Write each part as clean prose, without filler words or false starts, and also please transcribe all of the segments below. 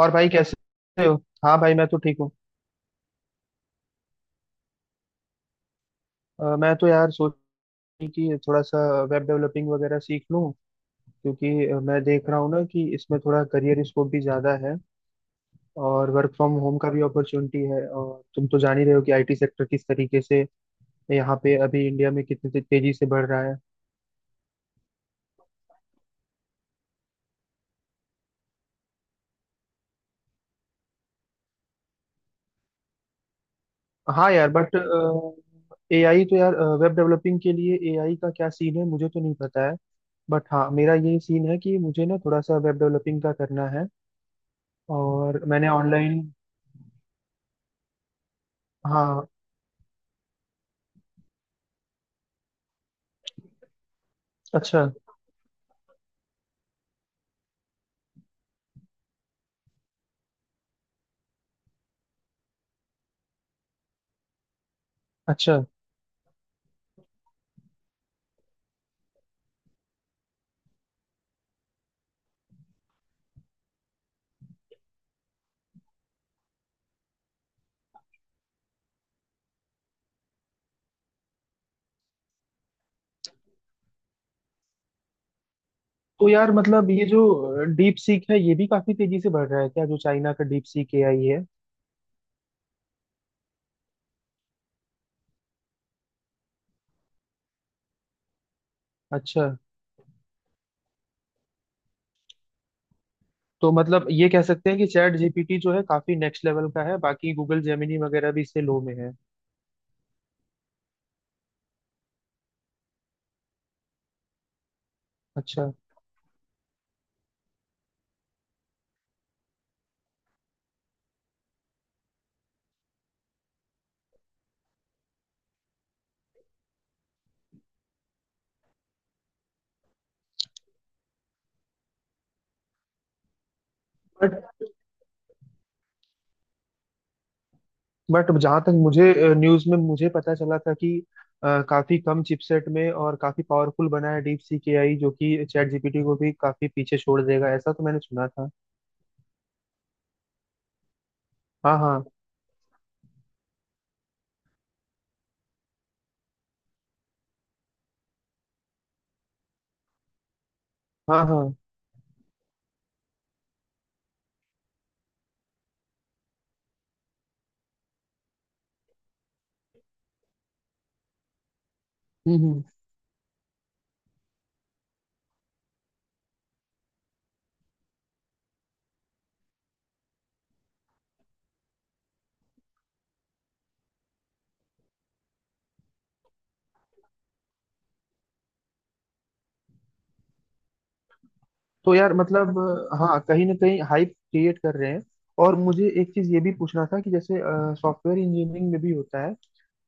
और भाई कैसे हो। हाँ भाई, मैं तो ठीक हूँ। मैं तो यार सोच रही कि थोड़ा सा वेब डेवलपिंग वगैरह सीख लूँ। क्योंकि मैं देख रहा हूँ ना कि इसमें थोड़ा करियर स्कोप भी ज़्यादा है और वर्क फ्रॉम होम का भी अपॉर्चुनिटी है और तुम तो जान ही रहे हो कि आईटी सेक्टर किस तरीके से यहाँ पे अभी इंडिया में कितनी तेजी से बढ़ रहा है। हाँ यार, बट एआई तो यार वेब डेवलपिंग के लिए एआई का क्या सीन है, मुझे तो नहीं पता है। बट हाँ मेरा ये सीन है कि मुझे ना थोड़ा सा वेब डेवलपिंग का करना है। और मैंने ऑनलाइन। हाँ, अच्छा अच्छा। तो यार मतलब ये जो डीप सीक है ये भी काफी तेजी से बढ़ रहा है क्या, जो चाइना का डीप सीक एआई है। अच्छा। तो मतलब ये कह सकते हैं कि चैट जीपीटी जो है काफी नेक्स्ट लेवल का है, बाकी गूगल जेमिनी वगैरह भी इससे लो में है। अच्छा। बट बट जहां तक मुझे न्यूज में मुझे पता चला था कि काफी कम चिपसेट में और काफी पावरफुल बना है डीप सीक एआई, जो कि चैट जीपीटी को भी काफी पीछे छोड़ देगा, ऐसा तो मैंने सुना था। हाँ हाँ हाँ हाँ। हम्म। तो यार मतलब, हाँ, कहीं ना कहीं हाइप क्रिएट कर रहे हैं। और मुझे एक चीज ये भी पूछना था कि जैसे सॉफ्टवेयर इंजीनियरिंग में भी होता है।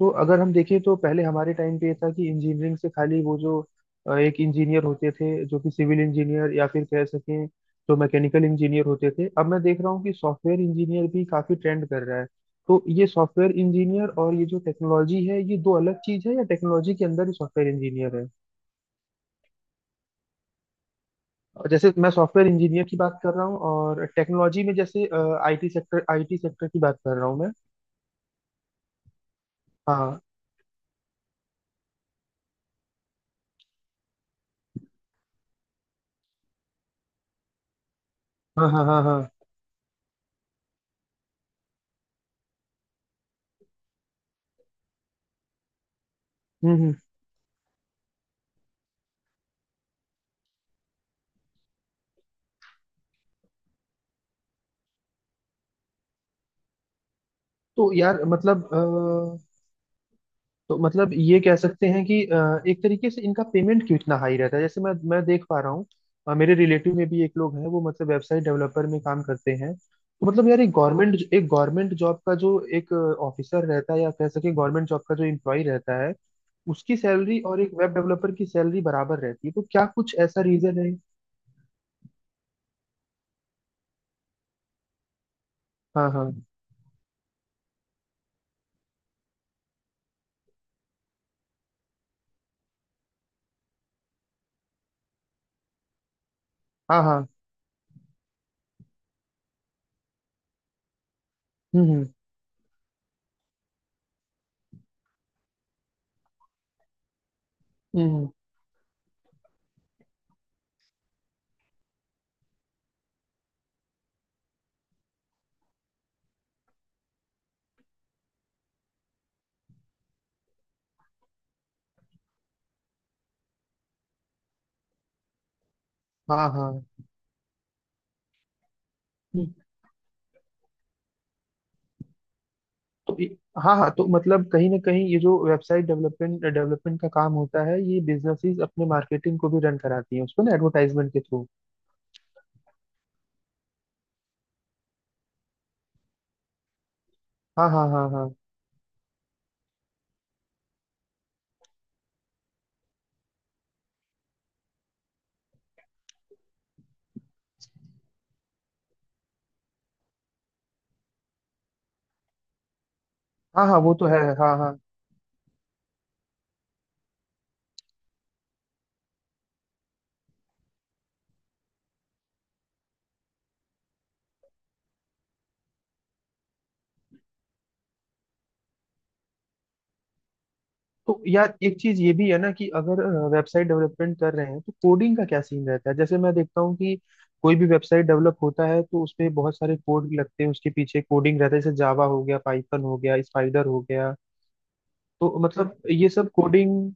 तो अगर हम देखें तो पहले हमारे टाइम पे ये था कि इंजीनियरिंग से खाली वो जो एक इंजीनियर होते थे जो कि सिविल इंजीनियर या फिर कह सकें जो मैकेनिकल इंजीनियर होते थे। अब मैं देख रहा हूँ कि सॉफ्टवेयर इंजीनियर भी काफी ट्रेंड कर रहा है। तो ये सॉफ्टवेयर इंजीनियर और ये जो टेक्नोलॉजी है, ये दो अलग चीज है या टेक्नोलॉजी के अंदर ही सॉफ्टवेयर इंजीनियर है? और जैसे मैं सॉफ्टवेयर इंजीनियर की बात कर रहा हूँ और टेक्नोलॉजी में जैसे आईटी सेक्टर, आईटी सेक्टर की बात कर रहा हूँ मैं। हाँ हाँ हाँ हाँ हाँ। हम्म हम्म। तो यार मतलब तो मतलब ये कह सकते हैं कि एक तरीके से इनका पेमेंट क्यों इतना हाई रहता है, जैसे मैं देख पा रहा हूँ। मेरे रिलेटिव में भी एक लोग हैं, वो मतलब वेबसाइट डेवलपर में काम करते हैं। तो मतलब यार एक गवर्नमेंट जॉब का जो एक ऑफिसर रहता है या कह सके गवर्नमेंट जॉब का जो एम्प्लॉय रहता है, उसकी सैलरी और एक वेब डेवलपर की सैलरी बराबर रहती है, तो क्या कुछ ऐसा रीजन है? हाँ हाँ हाँ हाँ। हम्म हम्म हम्म, हम्म, हाँ हाँ। हम्म, तो ये- हाँ हाँ, तो मतलब कहीं ना कहीं ये जो वेबसाइट डेवलपमेंट डेवलपमेंट का काम होता है, ये बिजनेसेस अपने मार्केटिंग को भी रन कराती हैं उसको ना, एडवर्टाइजमेंट के थ्रू। हाँ हाँ हाँ हाँ। हाँ हाँ वो तो है, हाँ हाँ। तो यार एक चीज ये भी है ना कि अगर वेबसाइट डेवलपमेंट कर रहे हैं तो कोडिंग का क्या सीन रहता है, जैसे मैं देखता हूँ कि कोई भी वेबसाइट डेवलप होता है तो उसपे बहुत सारे कोड लगते हैं, उसके पीछे कोडिंग रहता है, जैसे जावा हो गया, पाइथन हो गया, स्पाइडर हो गया। तो मतलब ये सब कोडिंग।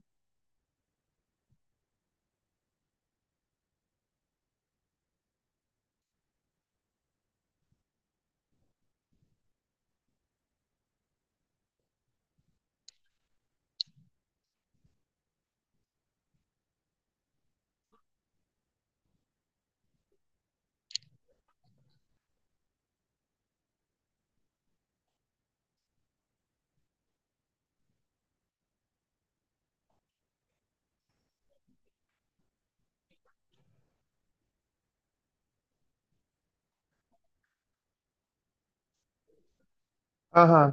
हाँ हाँ।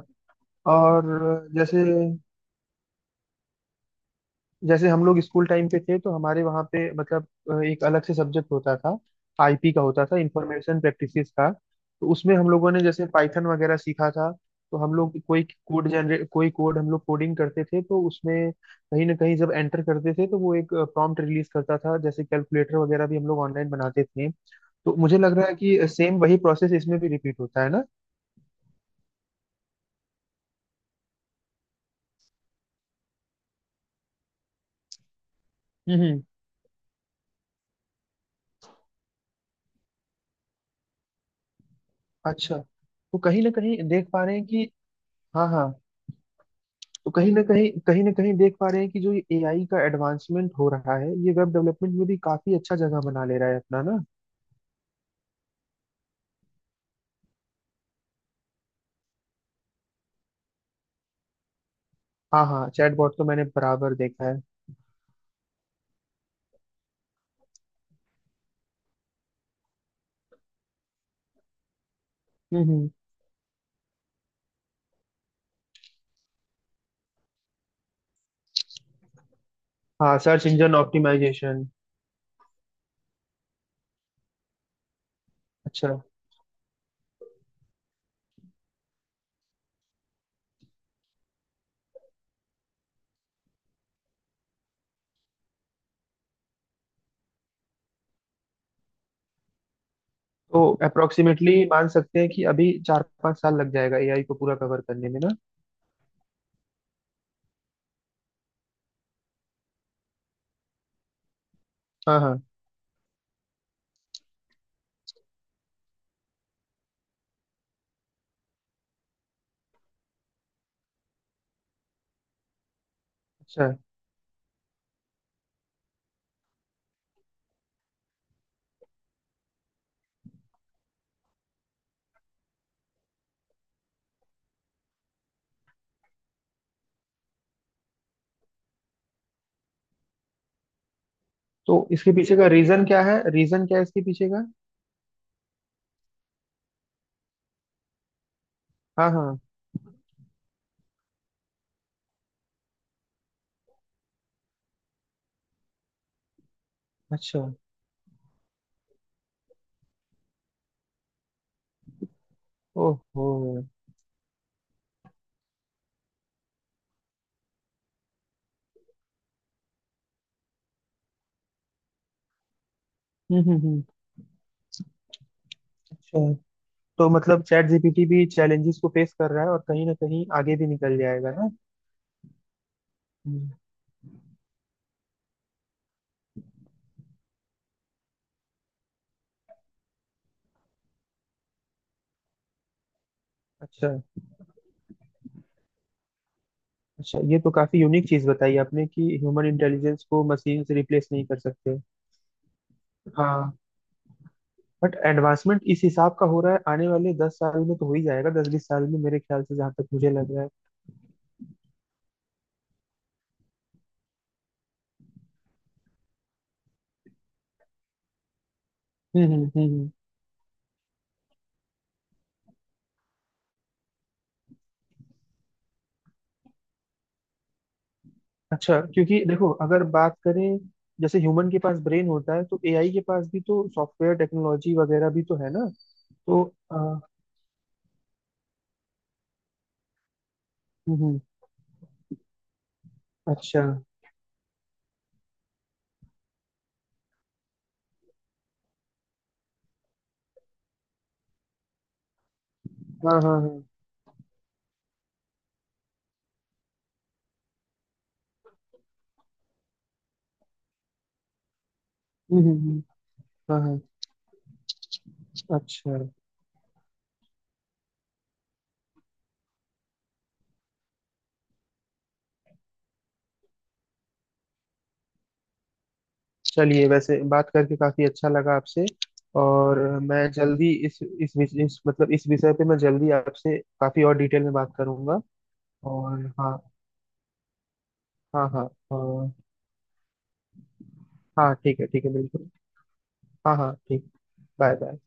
और जैसे जैसे हम लोग स्कूल टाइम पे थे तो हमारे वहाँ पे मतलब एक अलग से सब्जेक्ट होता था, आईपी का होता था, इंफॉर्मेशन प्रैक्टिसेस का। तो उसमें हम लोगों ने जैसे पाइथन वगैरह सीखा था। तो हम लोग कोई कोड हम लोग कोडिंग करते थे, तो उसमें कहीं ना कहीं जब एंटर करते थे तो वो एक प्रॉम्प्ट रिलीज करता था, जैसे कैलकुलेटर वगैरह भी हम लोग ऑनलाइन बनाते थे। तो मुझे लग रहा है कि सेम वही प्रोसेस इसमें भी रिपीट होता है ना। हम्म हम्म। अच्छा, तो कहीं ना कहीं देख पा रहे हैं कि। हाँ हाँ। तो कहीं ना कहीं देख पा रहे हैं कि जो ये एआई का एडवांसमेंट हो रहा है, ये वेब डेवलपमेंट में भी काफी अच्छा जगह बना ले रहा है अपना ना। हाँ हाँ, चैटबॉट तो मैंने बराबर देखा है। हम्म। हाँ, सर्च इंजन ऑप्टिमाइजेशन। अच्छा। तो अप्रोक्सीमेटली मान सकते हैं कि अभी 4-5 साल लग जाएगा एआई को पूरा कवर करने में ना। हाँ हाँ। अच्छा। तो इसके पीछे का रीजन क्या है इसके पीछे का? हाँ हाँ। अच्छा। ओहो। हम्म। अच्छा, तो मतलब चैट जीपीटी भी चैलेंजेस को फेस कर रहा है और कहीं ना कहीं आगे भी निकल जाएगा ना। हम्म। अच्छा। अच्छा, ये तो काफी यूनिक चीज बताई आपने कि ह्यूमन इंटेलिजेंस को मशीन से रिप्लेस नहीं कर सकते। हाँ। बट एडवांसमेंट इस हिसाब का हो रहा है, आने वाले 10 साल में तो हो ही जाएगा, 10-20 साल में मेरे ख्याल से, जहां तक मुझे लग रहा है। हम्म हम्म हम्म हम्म। अच्छा, क्योंकि देखो अगर बात करें जैसे ह्यूमन के पास ब्रेन होता है तो एआई के पास भी तो सॉफ्टवेयर टेक्नोलॉजी वगैरह भी तो है ना? तो अ, हम्म हम्म, अच्छा। हाँ हाँ हाँ, हम्म हम्म। हाँ हाँ, अच्छा। चलिए, वैसे बात करके काफी अच्छा लगा आपसे। और मैं जल्दी इस विषय पे मैं जल्दी आपसे काफी और डिटेल में बात करूंगा। और हाँ। हाँ हाँ और। हाँ ठीक है बिल्कुल। हाँ हाँ ठीक। Bye bye.